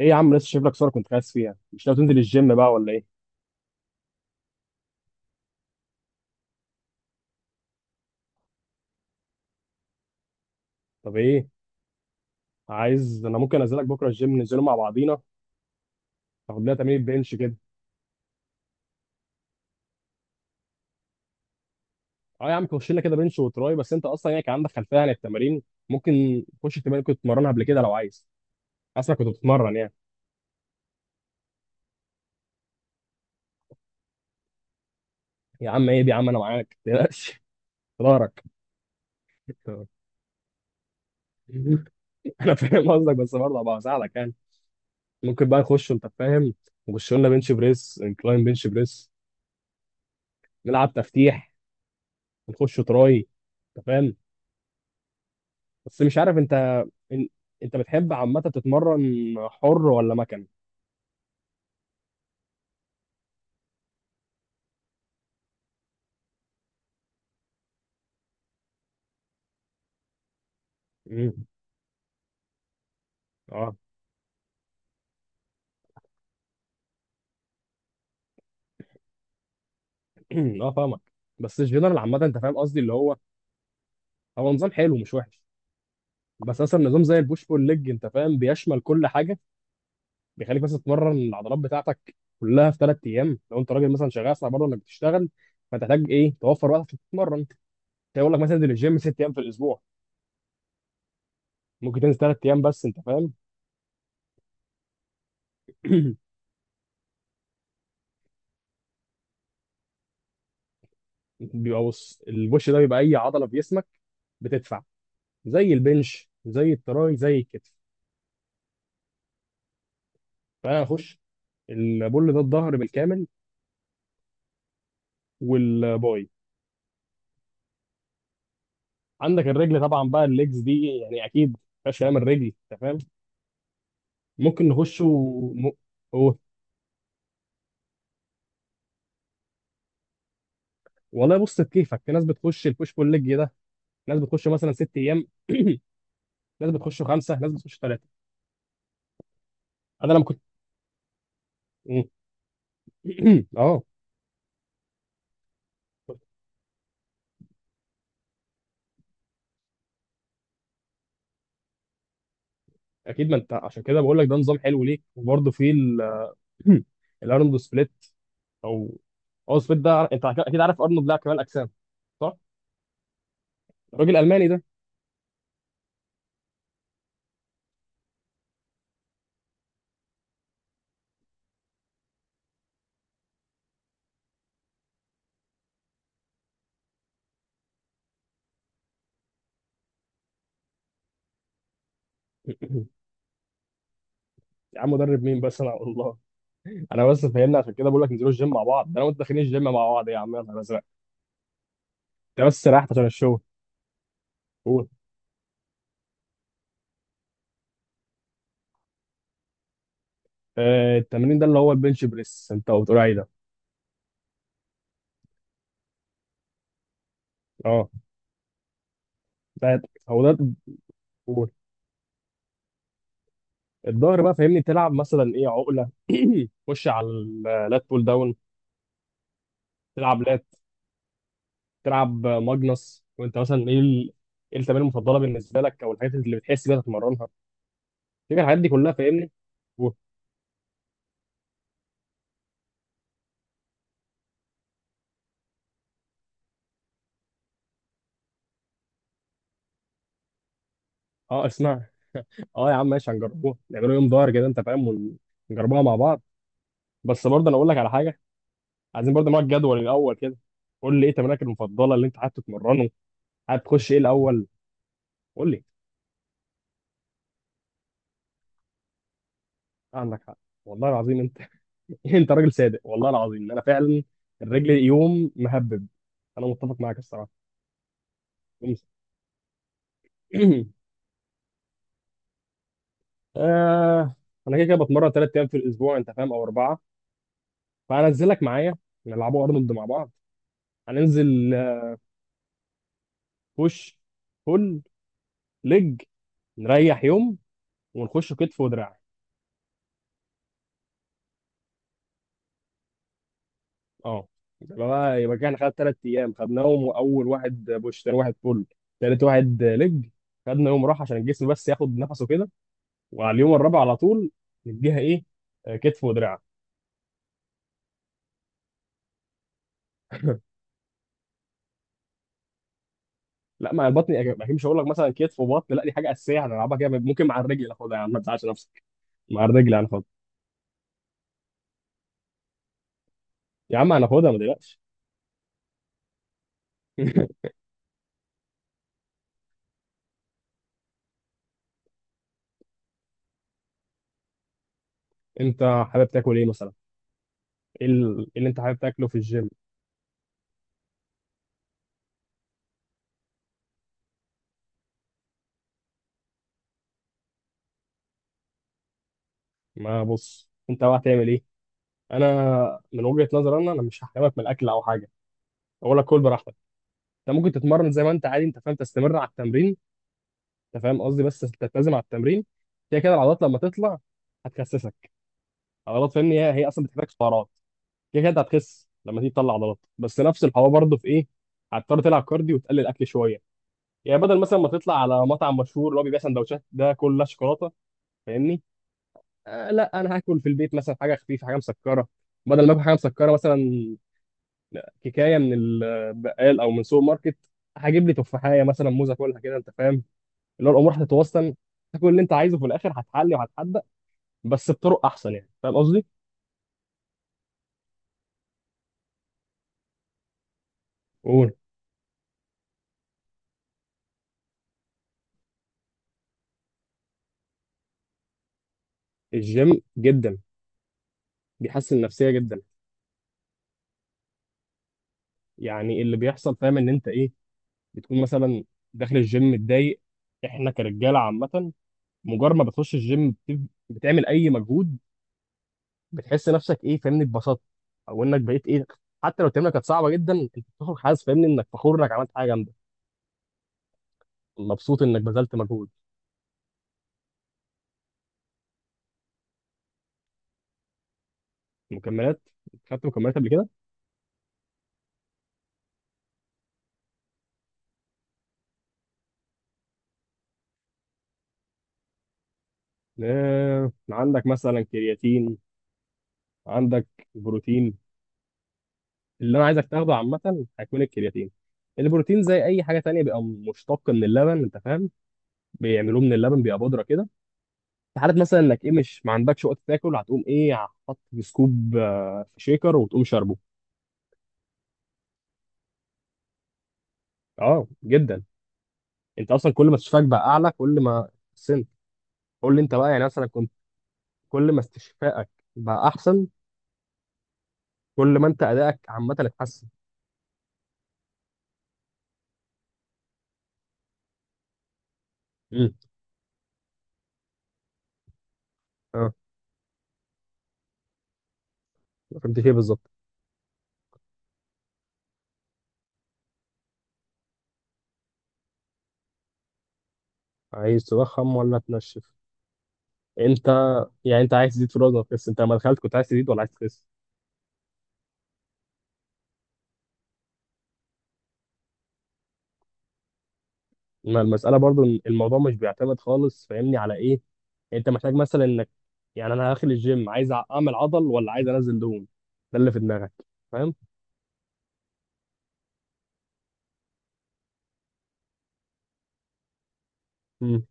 ايه يا عم، لسه شايف لك صوره كنت خايف فيها؟ مش ناوي تنزل الجيم بقى ولا ايه؟ طب ايه؟ عايز، انا ممكن انزلك بكره الجيم ننزله مع بعضينا. تاخد لنا تمرين بنش كده. اه يا عم، خش لنا كده بنش وتراي. بس انت اصلا يعني كان عندك خلفيه عن التمارين؟ ممكن تخش التمارين كنت بتتمرنها قبل كده لو عايز. اصلا كنت بتتمرن يعني. يا عم ايه دي؟ يا عم انا معاك، ما تقلقش في ظهرك. انا فاهم قصدك، بس برضه هبقى اساعدك يعني. ممكن بقى نخش؟ انت فاهم. نخش لنا بنش بريس، انكلاين بنش بريس. نلعب تفتيح. نخش تراي. انت فاهم بس مش عارف انت. إن... انت بتحب عامه تتمرن حر ولا مكن؟ امم. اه. اه فاهمك. بس الجنرال عامه انت فاهم قصدي اللي هو نظام حلو، مش وحش. بس مثلا نظام زي البوش بول ليج انت فاهم بيشمل كل حاجه. بيخليك مثلا تتمرن العضلات بتاعتك كلها في 3 ايام. لو انت راجل مثلا شغال، صعب برضه انك بتشتغل، فتحتاج ايه توفر وقت عشان تتمرن. هيقول لك مثلا انزل الجيم 6 ايام في الاسبوع. ممكن تنزل 3 ايام بس، انت فاهم. بيبقى، بص البوش ده بيبقى اي عضله في جسمك بتدفع، زي البنش زي التراي زي الكتف. فانا هخش البول ده الظهر بالكامل والباي. عندك الرجل طبعا بقى الليجز دي، يعني اكيد مفيهاش كلام الرجل، انت فاهم. ممكن م... و... والله بص، بكيفك. في ناس بتخش البوش بول ليج ده، ناس بتخش مثلا 6 ايام، ناس بتخش خمسه، ناس بتخش ثلاثه. انا لما كنت اه اكيد، ما انت عشان كده بقول لك ده نظام حلو ليك. وبرده في الارنولد سبليت، او او سبليت ده انت اكيد عارف ارنولد لاعب كمال اجسام، صح؟ الراجل الالماني ده. يا عم مدرب مين؟ بس انا والله، انا بس فاهمني عشان كده بقول لك انزلوا الجيم مع بعض. ده انا وانت داخلين الجيم مع بعض، يا عم يا نهار ازرق. انت بس ريحت عشان الشغل. قول. آه التمرين ده اللي هو البنش بريس انت بتقول عليه ده. اه ده هو ده. قول. الظهر بقى فاهمني، تلعب مثلا ايه، عقله، خش على اللات بول داون، تلعب لات، تلعب ماجنس. وانت مثلا ايه ايه التمارين المفضله بالنسبه لك، او الحاجات اللي بتحس بيها تتمرنها، تيجي الحاجات دي كلها فاهمني. قول. اه اسمع، اه يا عم ماشي، هنجربوها، نعملوا يوم ظهر كده انت فاهم، ونجربوها مع بعض. بس برضه انا اقول لك على حاجه، عايزين برضه نوع الجدول الاول كده. قول لي ايه تمرينك المفضله اللي انت حابب تتمرنه؟ حابب تخش ايه الاول؟ قول لي. عندك حق والله العظيم انت، انت راجل صادق والله العظيم، انا فعلا الرجل يوم مهبب، انا متفق معاك الصراحه. يوم س- آه انا كده كده بتمرن 3 ايام في الاسبوع انت فاهم، او اربعه. فهنزلك معايا، نلعبوا ارنولد مع بعض. هننزل بوش، بول، ليج، نريح يوم، ونخش كتف ودراع. اه يبقى بقى يبقى كان خد 3 ايام خدناهم، واول واحد بوش، ثاني واحد بول، ثالث واحد لج، خدنا يوم راحه عشان الجسم بس ياخد نفسه كده. وعلى اليوم الرابع على طول نديها ايه؟ كتف ودراع. لا، ما البطن اكيد مش هقول لك مثلا كتف وبطن، لا دي حاجه اساسيه هنلعبها كده، ممكن مع الرجل ناخدها. يا عم ما تزعلش نفسك، مع الرجل هناخدها يا عم، هناخدها ما تقلقش. انت حابب تاكل ايه مثلا؟ ايه إيه اللي انت حابب تاكله في الجيم؟ ما بص انت بقى هتعمل ايه. انا من وجهه نظري انا مش هحرمك من الاكل او حاجه، اقول لك كل براحتك. انت ممكن تتمرن زي ما انت عادي، انت فاهم، تستمر على التمرين. انت فاهم قصدي بس تلتزم على التمرين. كده كده العضلات لما تطلع هتخسسك، عضلات فاهمني هي اصلا بتحتاج سعرات. كده كده انت هتخس لما تيجي تطلع عضلات، بس نفس الحوار برضه في ايه، هتضطر تلعب كارديو وتقلل اكل شويه. يعني بدل مثلا ما تطلع على مطعم مشهور اللي هو بيبيع سندوتشات ده كلها شوكولاته، فاهمني، لا انا هاكل في البيت مثلا حاجه خفيفه، حاجه مسكره. بدل ما اكل حاجه مسكره مثلا كيكايه من البقال او من سوبر ماركت، هجيب لي تفاحيه مثلا، موزه، كلها كده انت فاهم. اللي هو الامور هتتوسط، كل اللي انت عايزه في الاخر هتحلي وهتحدق بس بطرق احسن، يعني فاهم قصدي؟ قول. الجيم جدا بيحسن النفسيه جدا. يعني اللي بيحصل فاهم ان انت ايه، بتكون مثلا داخل الجيم متضايق، احنا كرجاله عامه، مجرد ما بتخش الجيم بتعمل اي مجهود، بتحس نفسك ايه، فاهمني اتبسطت، او انك بقيت ايه، حتى لو التمرينه كانت صعبه جدا انت بتخرج حاسس فاهمني انك فخور انك عملت حاجه جامده، مبسوط انك بذلت مجهود. مكملات. خدت مكملات قبل كده؟ عندك مثلا كرياتين، عندك بروتين. اللي انا عايزك تاخده عامه هيكون الكرياتين. البروتين زي اي حاجه تانية بيبقى مشتق من اللبن انت فاهم، بيعملوه من اللبن بيبقى بودره كده. في حاله مثلا انك ايه مش ما عندكش وقت تاكل، هتقوم ايه، حاط في سكوب في شيكر وتقوم شاربه. اه جدا، انت اصلا كل ما استشفاك بقى اعلى، كل ما سنت. قول لي انت بقى يعني مثلا كنت. كل ما استشفائك بقى احسن، كل ما انت ادائك عامه اتحسن. امم. اه. فهمت ايه بالظبط؟ عايز تضخم ولا تنشف؟ انت يعني انت عايز تزيد في الوزن ولا تخس؟ انت لما دخلت كنت عايز تزيد ولا عايز تخس؟ ما المساله برضو إن الموضوع مش بيعتمد خالص فاهمني على ايه. انت محتاج مثلا انك، يعني انا داخل الجيم عايز اعمل عضل ولا عايز انزل دهون، ده اللي في دماغك فاهم. مم.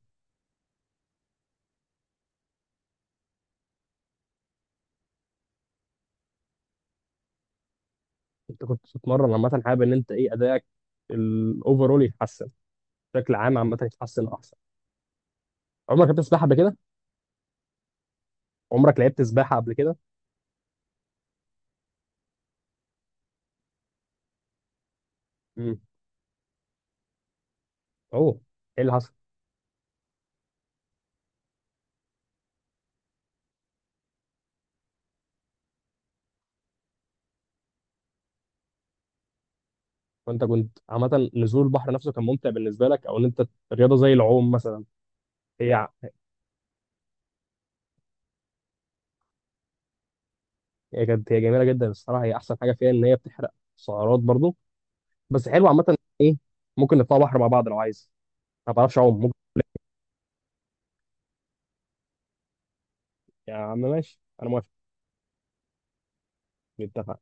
انت كنت بتتمرن عامه، حابب ان انت ايه ادائك الاوفرول يتحسن، بشكل عام عامه يتحسن احسن. عمرك لعبت سباحه قبل كده؟ عمرك لعبت سباحه قبل كده؟ امم. اوه، ايه اللي حصل؟ وانت كنت عامه نزول البحر نفسه كان ممتع بالنسبه لك، او ان انت رياضه زي العوم مثلا. هي ع- هي كانت، هي جميله جدا الصراحه، هي احسن حاجه فيها ان هي بتحرق سعرات برضو، بس حلو عامه ايه. ممكن نطلع بحر مع بعض لو عايز. ما بعرفش اعوم، ممكن. يا عم ماشي انا موافق. نتفق.